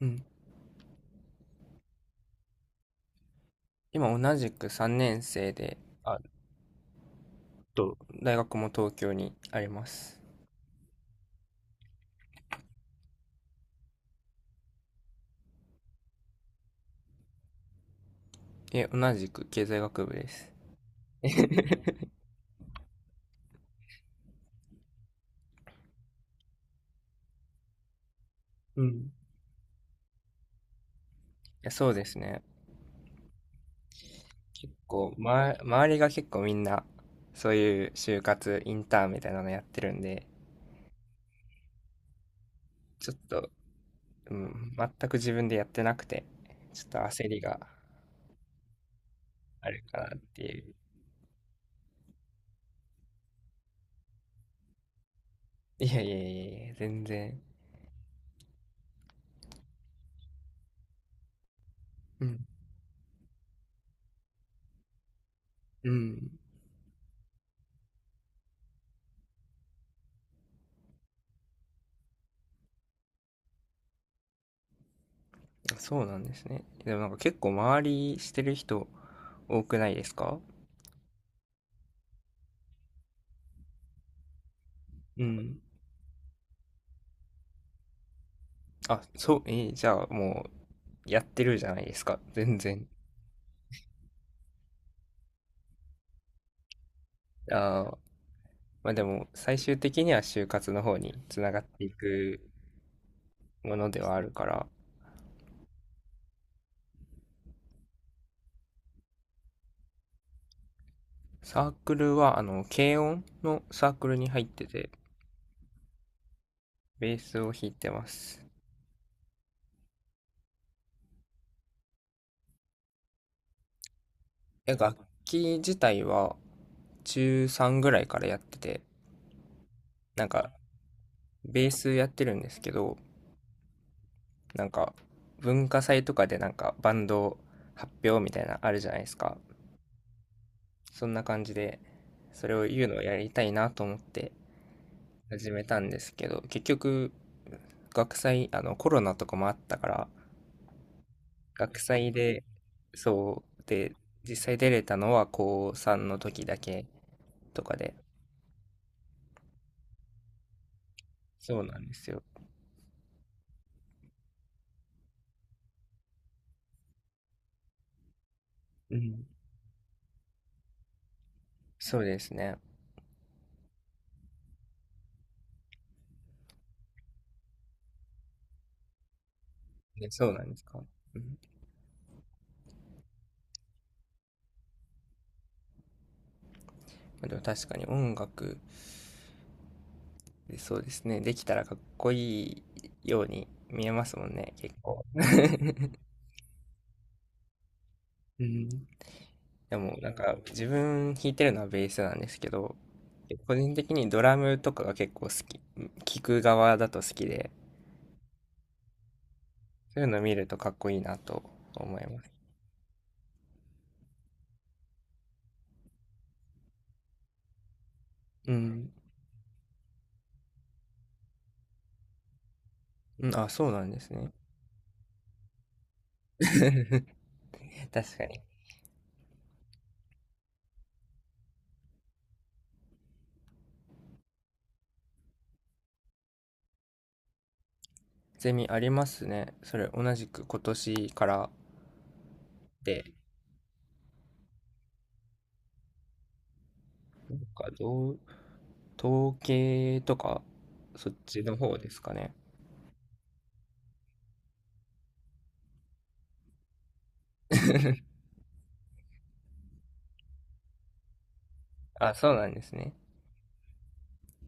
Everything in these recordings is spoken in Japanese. うん。今同じく3年生で、あ、と大学も東京にあります。え、同じく経済学部です。うん。いや、そうですね。結構、ま、周りが結構みんな、そういう就活、インターンみたいなのやってるんで、ちょっと、うん、全く自分でやってなくて、ちょっと焦りがあるかなっていう。いやいやいやいや、全然。うん。うん。そうなんですね。でもなんか結構周りしてる人多くないですか？うん。あ、そう、じゃあもうやってるじゃないですか、全然。あー、まあでも最終的には就活の方につながっていくものではあるから、サークルは軽音のサークルに入ってて、ベースを弾いてます。え、楽器自体は中3ぐらいからやってて、なんかベースやってるんですけど、なんか文化祭とかでなんかバンド発表みたいなのあるじゃないですか。そんな感じで、それを言うのをやりたいなと思って始めたんですけど、結局、学祭、コロナとかもあったから、学祭で、そう、で、実際出れたのは高3の時だけとかで、そうなんですよ。うん。そうですね。ね、そうなんですか？うん。まあでも確かに音楽、そうですね。できたらかっこいいように見えますもんね、結構。うん。でもなんか自分弾いてるのはベースなんですけど、個人的にドラムとかが結構好き、聞く側だと好きで、そういうの見るとかっこいいなと思います。うん。うんあ、そうなんですね。確かに。ゼミありますね。それ同じく今年からで、なんか統計とか、そっちの方ですかね。あ、そうなんですね。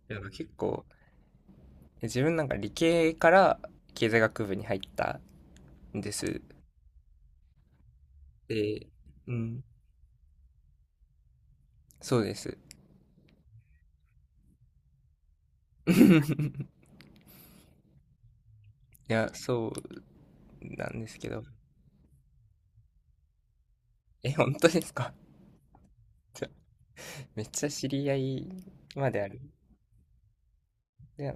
なんか結構、自分なんか理系から経済学部に入ったです。で、うん、そうです。いや、そうなんですけど。え、本当ですか？じゃ めっちゃ知り合いまである。いや、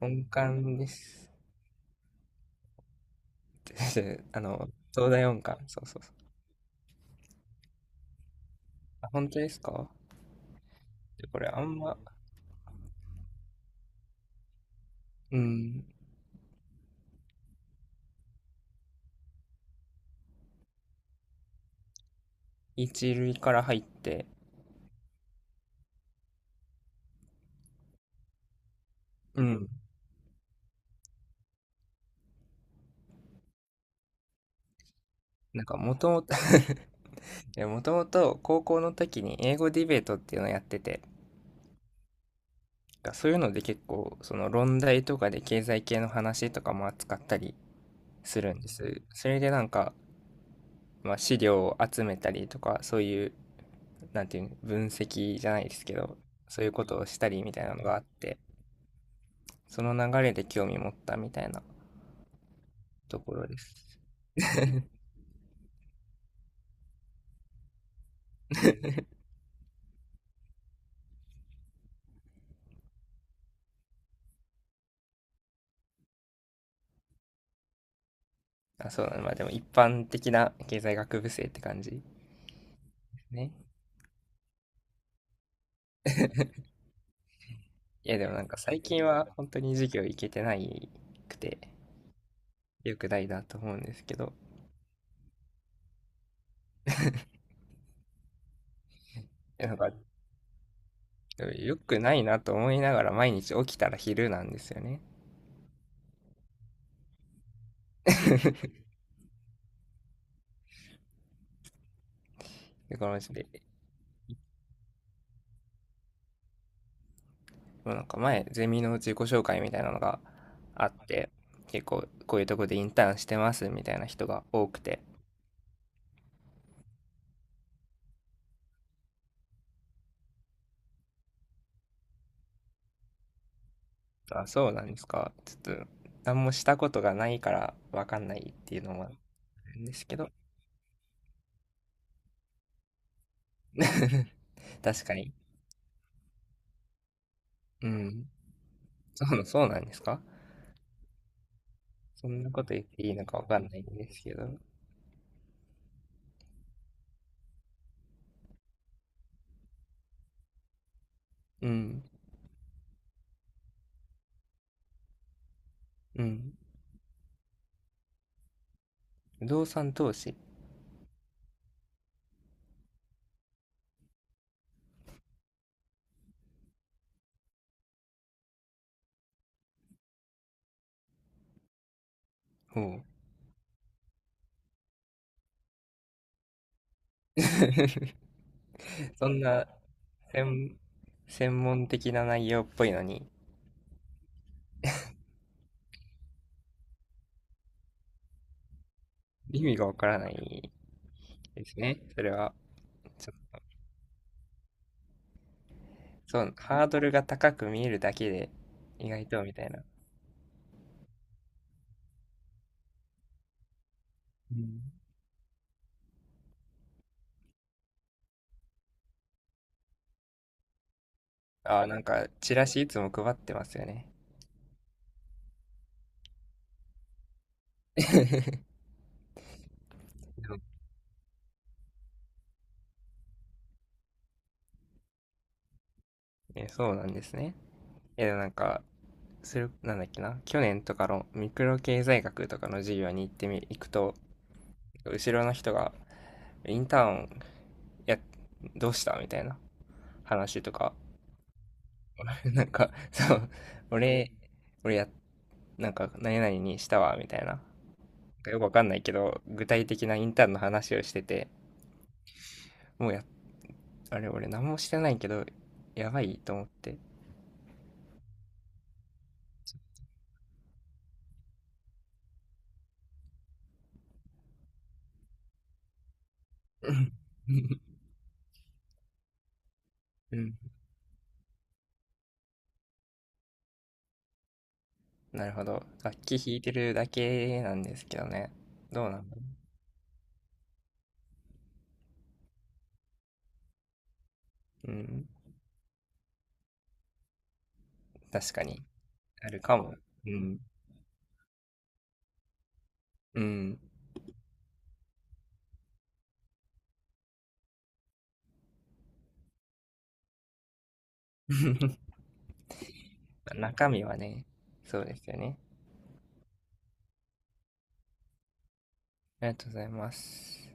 音感です。あの、東大音感。そうそうそう。あ、本当ですか？でこれあんま、うん、一類から入って、うん。なんかもともと いや、もともと高校の時に英語ディベートっていうのをやってて、そういうので結構、その論題とかで経済系の話とかも扱ったりするんです。それでなんか、まあ、資料を集めたりとか、そういう、なんていうの、分析じゃないですけど、そういうことをしたりみたいなのがあって、その流れで興味持ったみたいなところです。あ、そうなの、まあでも一般的な経済学部生って感じですね。いやでもなんか最近は本当に授業行けてないくて、良くないなと思うんですけど、なんかよくないなと思いながら毎日起きたら昼なんですよね で、このうちで、なんか前、ゼミの自己紹介みたいなのがあって、結構こういうとこでインターンしてますみたいな人が多くて、あ、そうなんですか？ちょっと、何もしたことがないからわかんないっていうのもあるんですけど 確かに。うん。そうなんですか？そんなこと言っていいのかわかんないんですけど。うん。うん。不動産投資。ほう。そんな専、専門的な内容っぽいのに、意味がわからないですね。それは。そそう、ハードルが高く見えるだけで、意外とみたいな。うん。ああ、なんか、チラシいつも配ってますよね。でもえ、そうなんですね。え、でもなんか、それ、なんだっけな、去年とかのミクロ経済学とかの授業に行って行くと、後ろの人が、インターン、や、どうしたみたいな話とか、なんか、そう、俺、俺や、なんか、何々にしたわ、みたいな。よくわかんないけど、具体的なインターンの話をしてて、もうや、あれ、俺何もしてないけど、やばいと思って。うん。うん。なるほど。楽器弾いてるだけなんですけどね。どうなんだろう。うん。確かに。あるかも。うん。うん。中身はね、そうですよね。ありがとうございます。